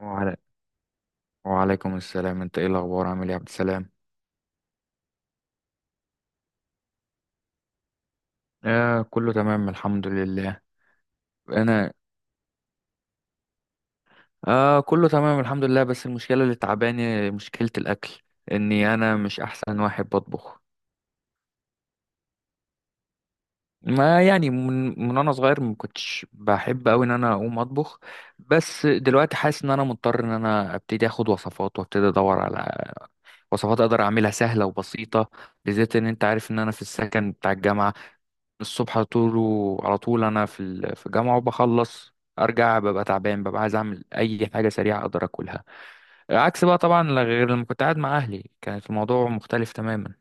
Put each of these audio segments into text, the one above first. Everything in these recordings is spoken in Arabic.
وعلى... وعليكم السلام. انت ايه الاخبار؟ عامل ايه يا عبد السلام؟ آه، كله تمام الحمد لله. انا آه، كله تمام الحمد لله، بس المشكله اللي تعباني مشكله الاكل. اني انا مش احسن واحد بطبخ. ما يعني من انا صغير ما كنتش بحب قوي ان انا اقوم اطبخ. بس دلوقتي حاسس ان انا مضطر ان انا ابتدي اخد وصفات، وابتدي ادور على وصفات اقدر اعملها سهله وبسيطه. بالذات ان انت عارف ان انا في السكن بتاع الجامعه. الصبح على طول على طول انا في الجامعه، وبخلص ارجع ببقى تعبان، ببقى عايز اعمل اي حاجه سريعه اقدر اكلها. عكس بقى طبعا، غير لما كنت قاعد مع اهلي كانت الموضوع مختلف تماما.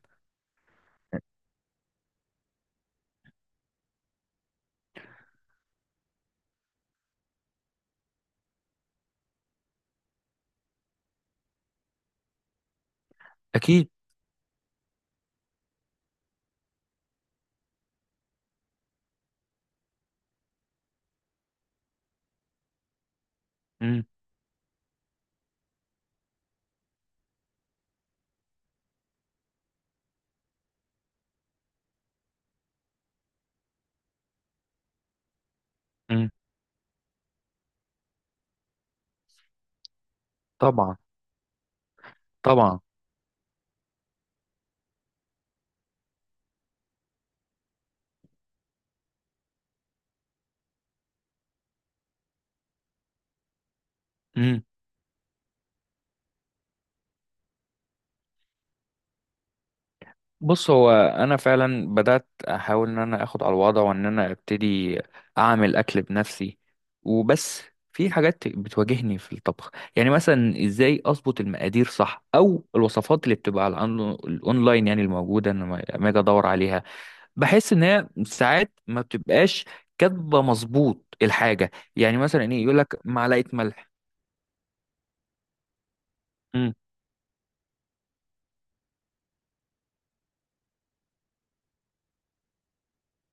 اكيد. امم. امم. طبعا. طبعا. بص، هو انا فعلا بدات احاول ان انا اخد على الوضع، وان انا ابتدي اعمل اكل بنفسي. وبس، في حاجات بتواجهني في الطبخ، يعني مثلا ازاي اظبط المقادير صح، او الوصفات اللي بتبقى على الاونلاين يعني الموجوده، انا لما اجي ادور عليها بحس ان هي ساعات ما بتبقاش كاتبه مظبوط الحاجه. يعني مثلا ايه؟ يقول لك معلقه ملح.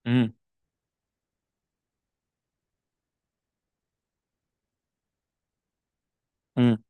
امم. امم.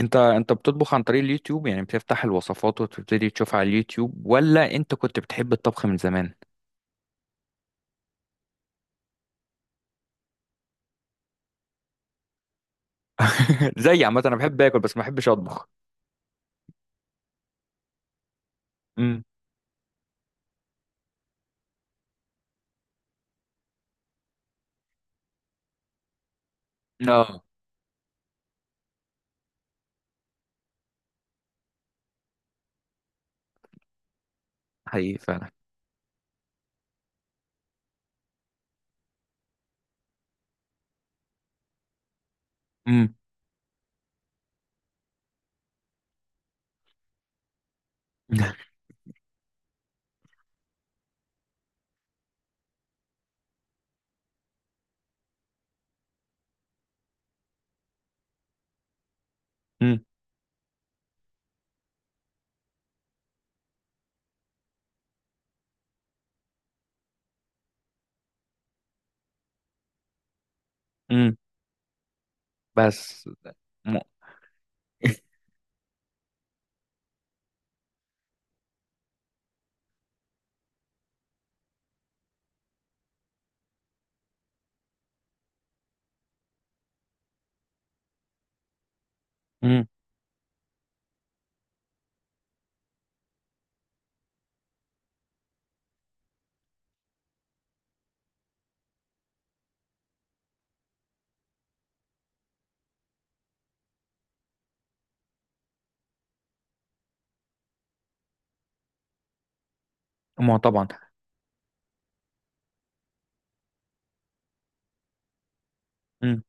انت بتطبخ عن طريق اليوتيوب؟ يعني بتفتح الوصفات وتبتدي تشوفها على اليوتيوب، ولا انت كنت بتحب الطبخ من زمان؟ زي عامه انا بحب اكل، بس ما بحبش اطبخ. امم. اه. حقيقي فعلا. امم. امم. امم. بس، م... امم. ما هو طبعا. امم.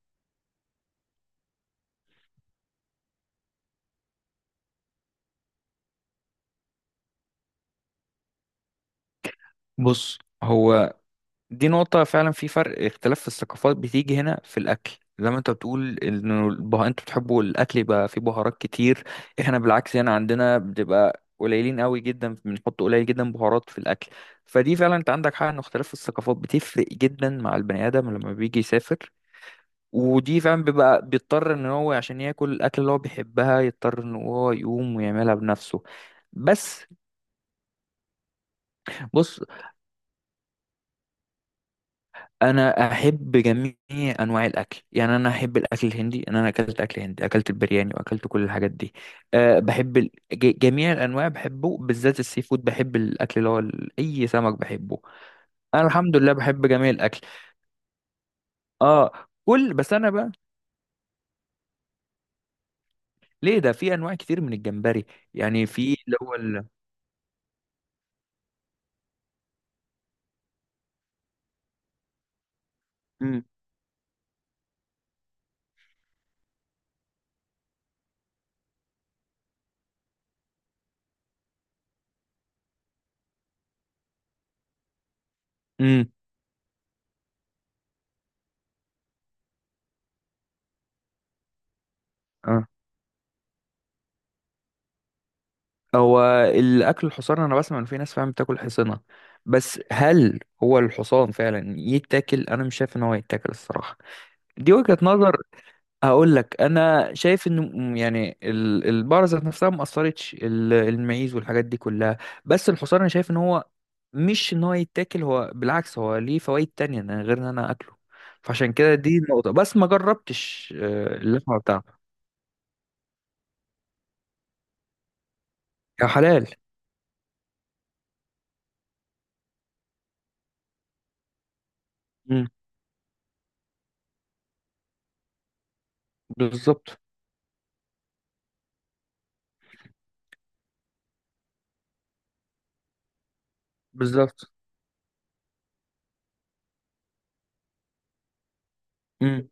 بص، هو دي نقطة فعلا، في فرق اختلاف في الثقافات بتيجي هنا في الأكل. زي ما انت بتقول انه انتوا بتحبوا الأكل يبقى فيه بهارات كتير. احنا بالعكس، هنا عندنا بتبقى قليلين قوي جدا، بنحط قليل جدا بهارات في الأكل. فدي فعلا، انت عندك حق ان اختلاف في الثقافات بتفرق جدا مع البني آدم لما بيجي يسافر. ودي فعلا بيبقى بيضطر ان هو عشان ياكل الأكل اللي هو بيحبها، يضطر ان هو يقوم ويعملها بنفسه. بس. بص، انا احب جميع انواع الاكل، يعني انا احب الاكل الهندي. انا اكلت اكل هندي، اكلت البرياني، واكلت كل الحاجات دي. أه، بحب جميع الانواع بحبه، بالذات السي فود، بحب الاكل اللي هو اي سمك بحبه. انا الحمد لله بحب جميع الاكل. اه. كل. بس انا بقى، ليه ده؟ في انواع كتير من الجمبري. يعني في اللي هو امم. امم. اه. هو الاكل الحصان، انا بسمع ان في ناس فعلا بتاكل حصانه. بس هل هو الحصان فعلا يتاكل؟ انا مش شايف ان هو يتاكل الصراحه. دي وجهة نظر. هقول لك انا شايف انه يعني البقرة ذات نفسها ما اثرتش المعيز والحاجات دي كلها. بس الحصان انا شايف ان هو مش ان هو يتاكل، هو بالعكس هو ليه فوائد تانية، إن غير ان انا اكله. فعشان كده دي النقطة، بس ما جربتش اللحمة بتاعته. يا حلال. مم. بالظبط. بالظبط. مم.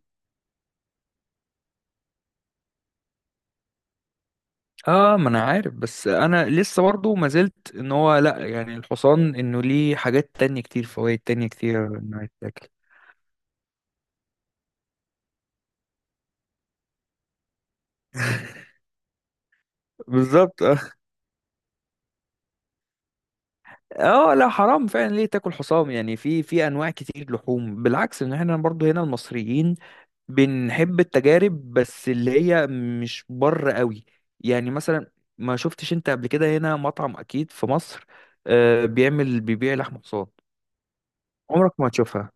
اه، ما انا عارف، بس انا لسه برضه ما زلت ان هو لا، يعني الحصان انه ليه حاجات تانية كتير، فوائد تانية كتير انه يتاكل. بالظبط. اه. آه، لا حرام فعلا، ليه تاكل حصان يعني؟ في انواع كتير لحوم، بالعكس ان احنا برضو هنا المصريين بنحب التجارب، بس اللي هي مش بر قوي. يعني مثلا، ما شفتش انت قبل كده هنا مطعم اكيد في مصر بيبيع لحم حصان؟ عمرك ما هتشوفها.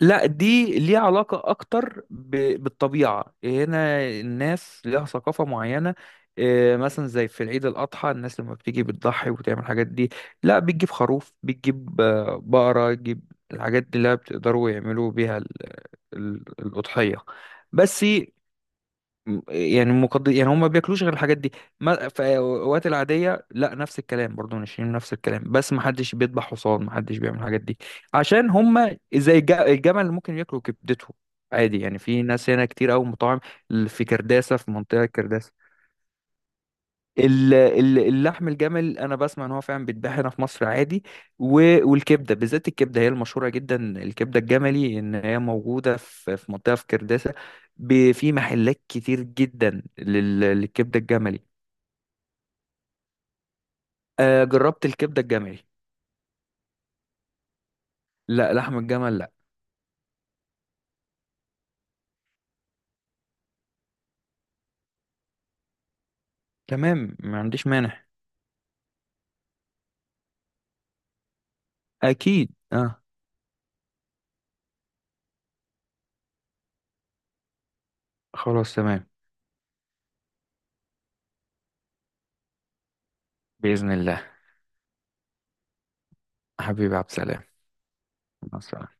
لا، دي ليها علاقة أكتر بالطبيعة، هنا الناس ليها ثقافة معينة. مثلا زي في العيد الأضحى، الناس لما بتيجي بتضحي وتعمل الحاجات دي. لا بتجيب خروف، بتجيب بقرة، تجيب الحاجات دي اللي بتقدروا يعملوا بيها الأضحية. بس، يعني يعني هم ما بياكلوش غير الحاجات دي. ما... في الاوقات العاديه لا نفس الكلام، برضو ناشفين نفس الكلام، بس ما حدش بيذبح حصان، ما حدش بيعمل الحاجات دي. عشان هم زي الجمل، اللي ممكن ياكلوا كبدته. عادي يعني، في ناس هنا كتير قوي مطاعم. في كرداسه، في منطقه كرداسه. اللحم الجمل انا بسمع ان هو فعلا بيتباع هنا في مصر عادي. والكبده، بالذات الكبده هي المشهوره جدا. الكبده الجملي ان هي موجوده في منطقه في كرداسه. في محلات كتير جدا، للكبده الجملي. آه، جربت الكبده الجملي. لا، لحم الجمل لا. تمام، ما عنديش مانع. اكيد، اه. خلاص تمام. باذن الله. حبيبي عبد السلام. مع السلامه.